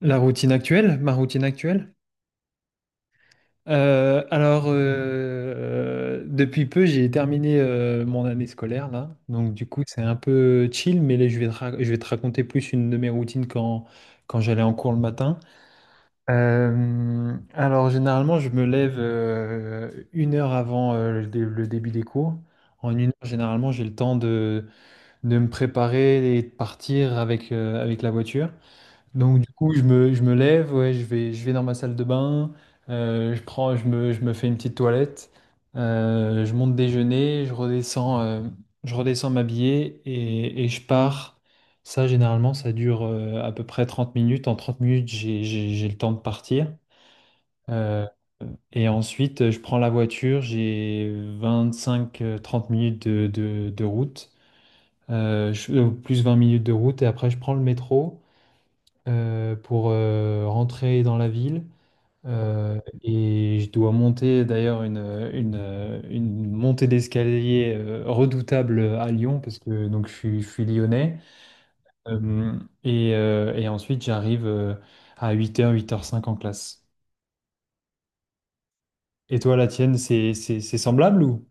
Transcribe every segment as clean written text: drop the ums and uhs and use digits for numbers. La routine actuelle, ma routine actuelle. Alors, depuis peu, j'ai terminé mon année scolaire là, donc du coup, c'est un peu chill, mais là, je vais te raconter plus une de mes routines quand j'allais en cours le matin. Alors, généralement, je me lève 1 heure avant le début des cours. En 1 heure, généralement, j'ai le temps de me préparer et de partir avec la voiture. Donc du coup, je me lève, ouais, je vais dans ma salle de bain, je me fais une petite toilette, je monte déjeuner, je redescends m'habiller et je pars. Ça, généralement, ça dure à peu près 30 minutes. En 30 minutes, j'ai le temps de partir. Euh, et ensuite, je prends la voiture, j'ai 25 30 minutes de route, plus 20 minutes de route, et après, je prends le métro pour rentrer dans la ville. Et je dois monter d'ailleurs une montée d'escalier redoutable à Lyon, parce que donc, je suis lyonnais. Euh, et ensuite, j'arrive à 8 heures 8 h 5 en classe. Et toi, la tienne, c'est semblable ou?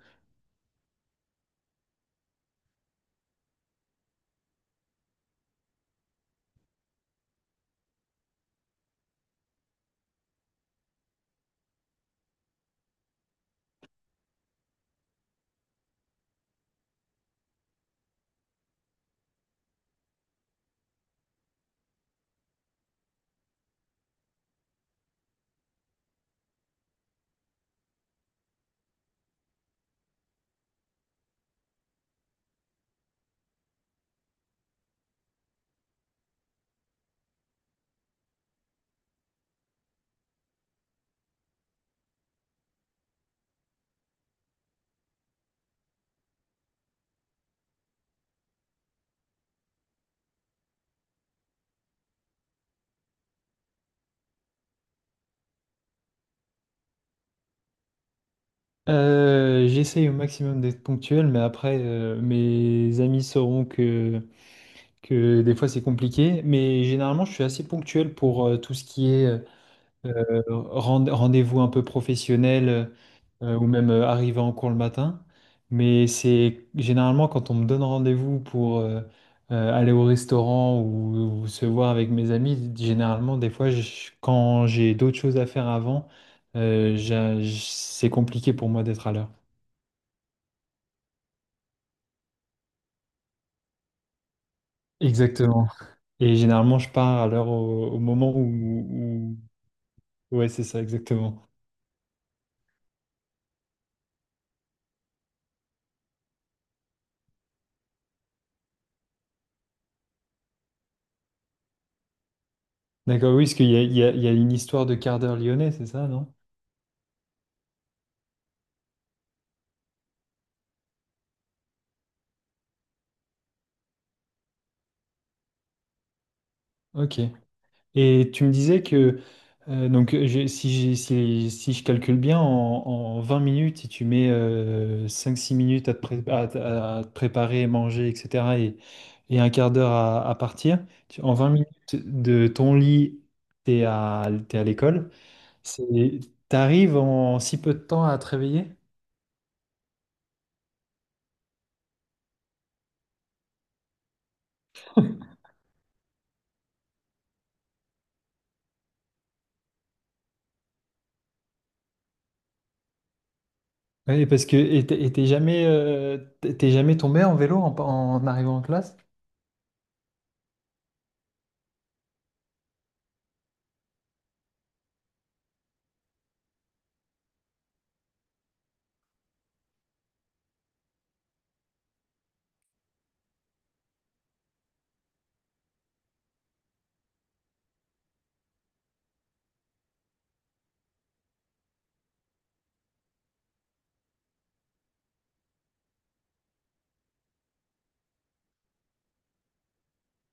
J'essaye au maximum d'être ponctuel, mais après, mes amis sauront que des fois c'est compliqué. Mais généralement, je suis assez ponctuel pour tout ce qui est rendez-vous un peu professionnel, ou même arriver en cours le matin. Mais c'est généralement quand on me donne rendez-vous pour aller au restaurant ou se voir avec mes amis, généralement, des fois, quand j'ai d'autres choses à faire avant, c'est compliqué pour moi d'être à l'heure. Exactement. Et généralement, je pars à l'heure au moment où. Ouais, c'est ça, exactement. D'accord, oui, parce qu'il y a, il y a il y a une histoire de quart d'heure lyonnais, c'est ça, non? Ok. Et tu me disais que, donc, si je calcule bien, en 20 minutes, si tu mets cinq six minutes à te préparer, manger, etc., et un quart d'heure à partir, en 20 minutes de ton lit, t'es à l'école, c'est, t'arrives en si peu de temps à te réveiller? Oui, parce que t'es jamais tombé en vélo en arrivant en classe?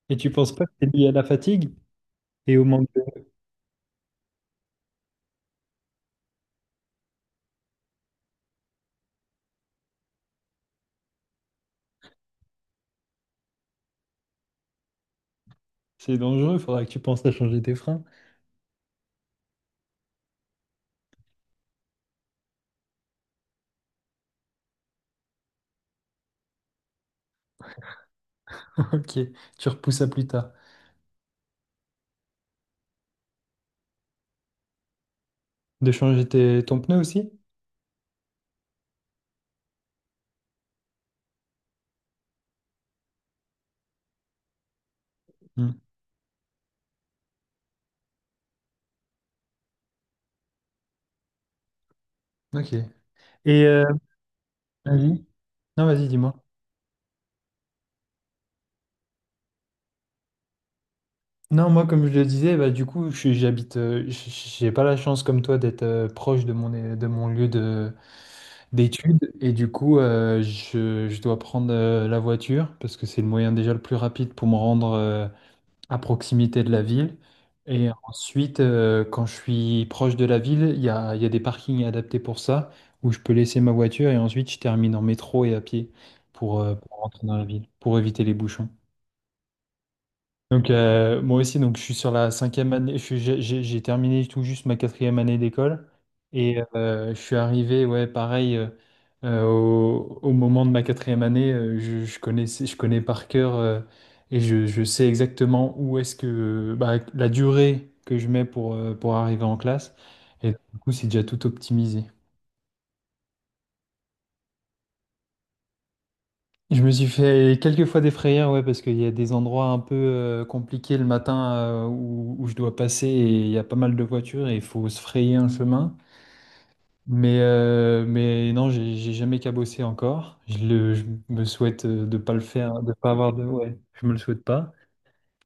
Et tu penses pas que c'est lié à la fatigue et au manque. C'est dangereux, faudra que tu penses à changer tes freins. Ok, tu repousses à plus tard. De changer ton pneu aussi? Hmm. Ok. Et euh, Vas-y. Non, vas-y, dis-moi. Non, moi, comme je le disais, bah, du coup, j'habite, j'ai pas la chance comme toi d'être proche de de mon lieu d'études. Et du coup, je dois prendre la voiture parce que c'est le moyen déjà le plus rapide pour me rendre à proximité de la ville. Et ensuite, quand je suis proche de la ville, il y a des parkings adaptés pour ça, où je peux laisser ma voiture et ensuite je termine en métro et à pied pour rentrer dans la ville, pour éviter les bouchons. Moi aussi, donc je suis sur la cinquième année, je suis- j'ai terminé tout juste ma quatrième année d'école et je suis arrivé, ouais, pareil, au moment de ma quatrième année, je connais par cœur et je sais exactement où est-ce que bah, la durée que je mets pour arriver en classe, et du coup c'est déjà tout optimisé. Je me suis fait quelques fois des frayeurs, ouais, parce qu'il y a des endroits un peu compliqués le matin, où je dois passer et il y a pas mal de voitures et il faut se frayer un chemin. Mais non, j'ai jamais cabossé encore. Je me souhaite de pas le faire, de pas avoir. Ouais, je me le souhaite pas.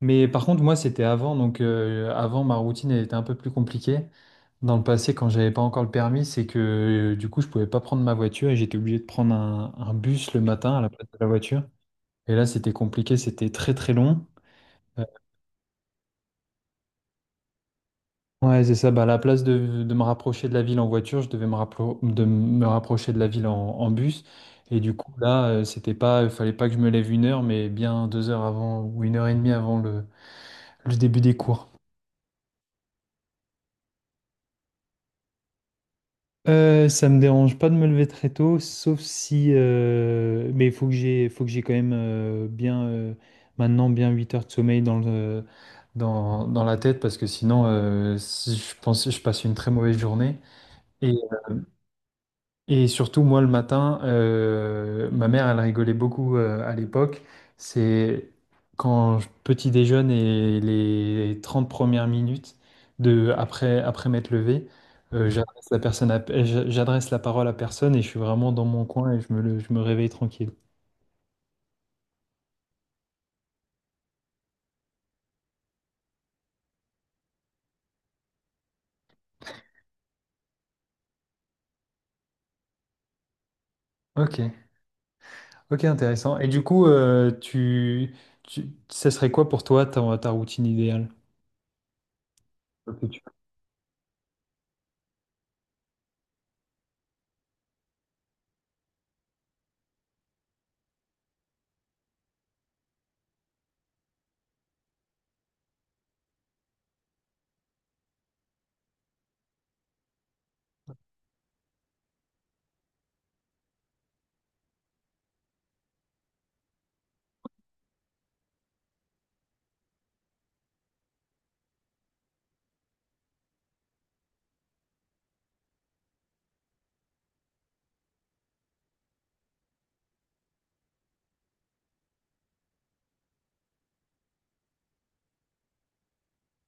Mais par contre, moi, c'était avant, avant, ma routine elle était un peu plus compliquée. Dans le passé, quand j'avais pas encore le permis, c'est que du coup, je pouvais pas prendre ma voiture et j'étais obligé de prendre un bus le matin à la place de la voiture. Et là, c'était compliqué, c'était très très long. Euh, Ouais, c'est ça. Bah, à la place de me rapprocher de la ville en voiture, je devais me, rappro- de me rapprocher de la ville en bus. Et du coup, là, c'était pas, il fallait pas que je me lève 1 heure, mais bien 2 heures avant ou 1 heure et demie avant le début des cours. Ça me dérange pas de me lever très tôt, sauf si, mais il faut que j'ai quand même bien, maintenant bien 8 heures de sommeil dans la tête parce que sinon, si je pense, je passe une très mauvaise journée. Et, et surtout, moi, le matin, ma mère, elle rigolait beaucoup, à l'époque. C'est quand petit déjeune et les 30 premières minutes après m'être levé, j'adresse la parole à personne et je suis vraiment dans mon coin et je me réveille tranquille. Ok, ok, intéressant. Et du coup, ça serait quoi pour toi ta routine idéale?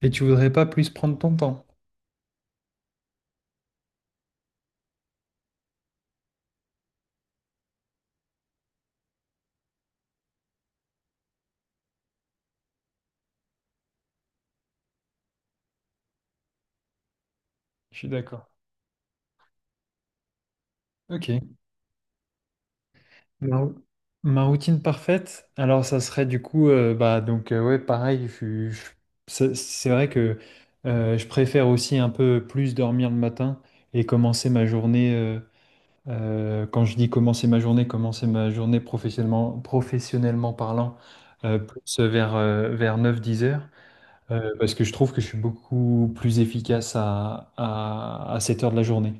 Et tu voudrais pas plus prendre ton temps? Je suis d'accord. Ok. Ma, rou- Ma routine parfaite, alors ça serait du coup, bah donc ouais, pareil, c'est vrai que je préfère aussi un peu plus dormir le matin et commencer ma journée, quand je dis commencer ma journée professionnellement, professionnellement parlant, plus vers neuf dix heures, parce que je trouve que je suis beaucoup plus efficace à cette heure de la journée.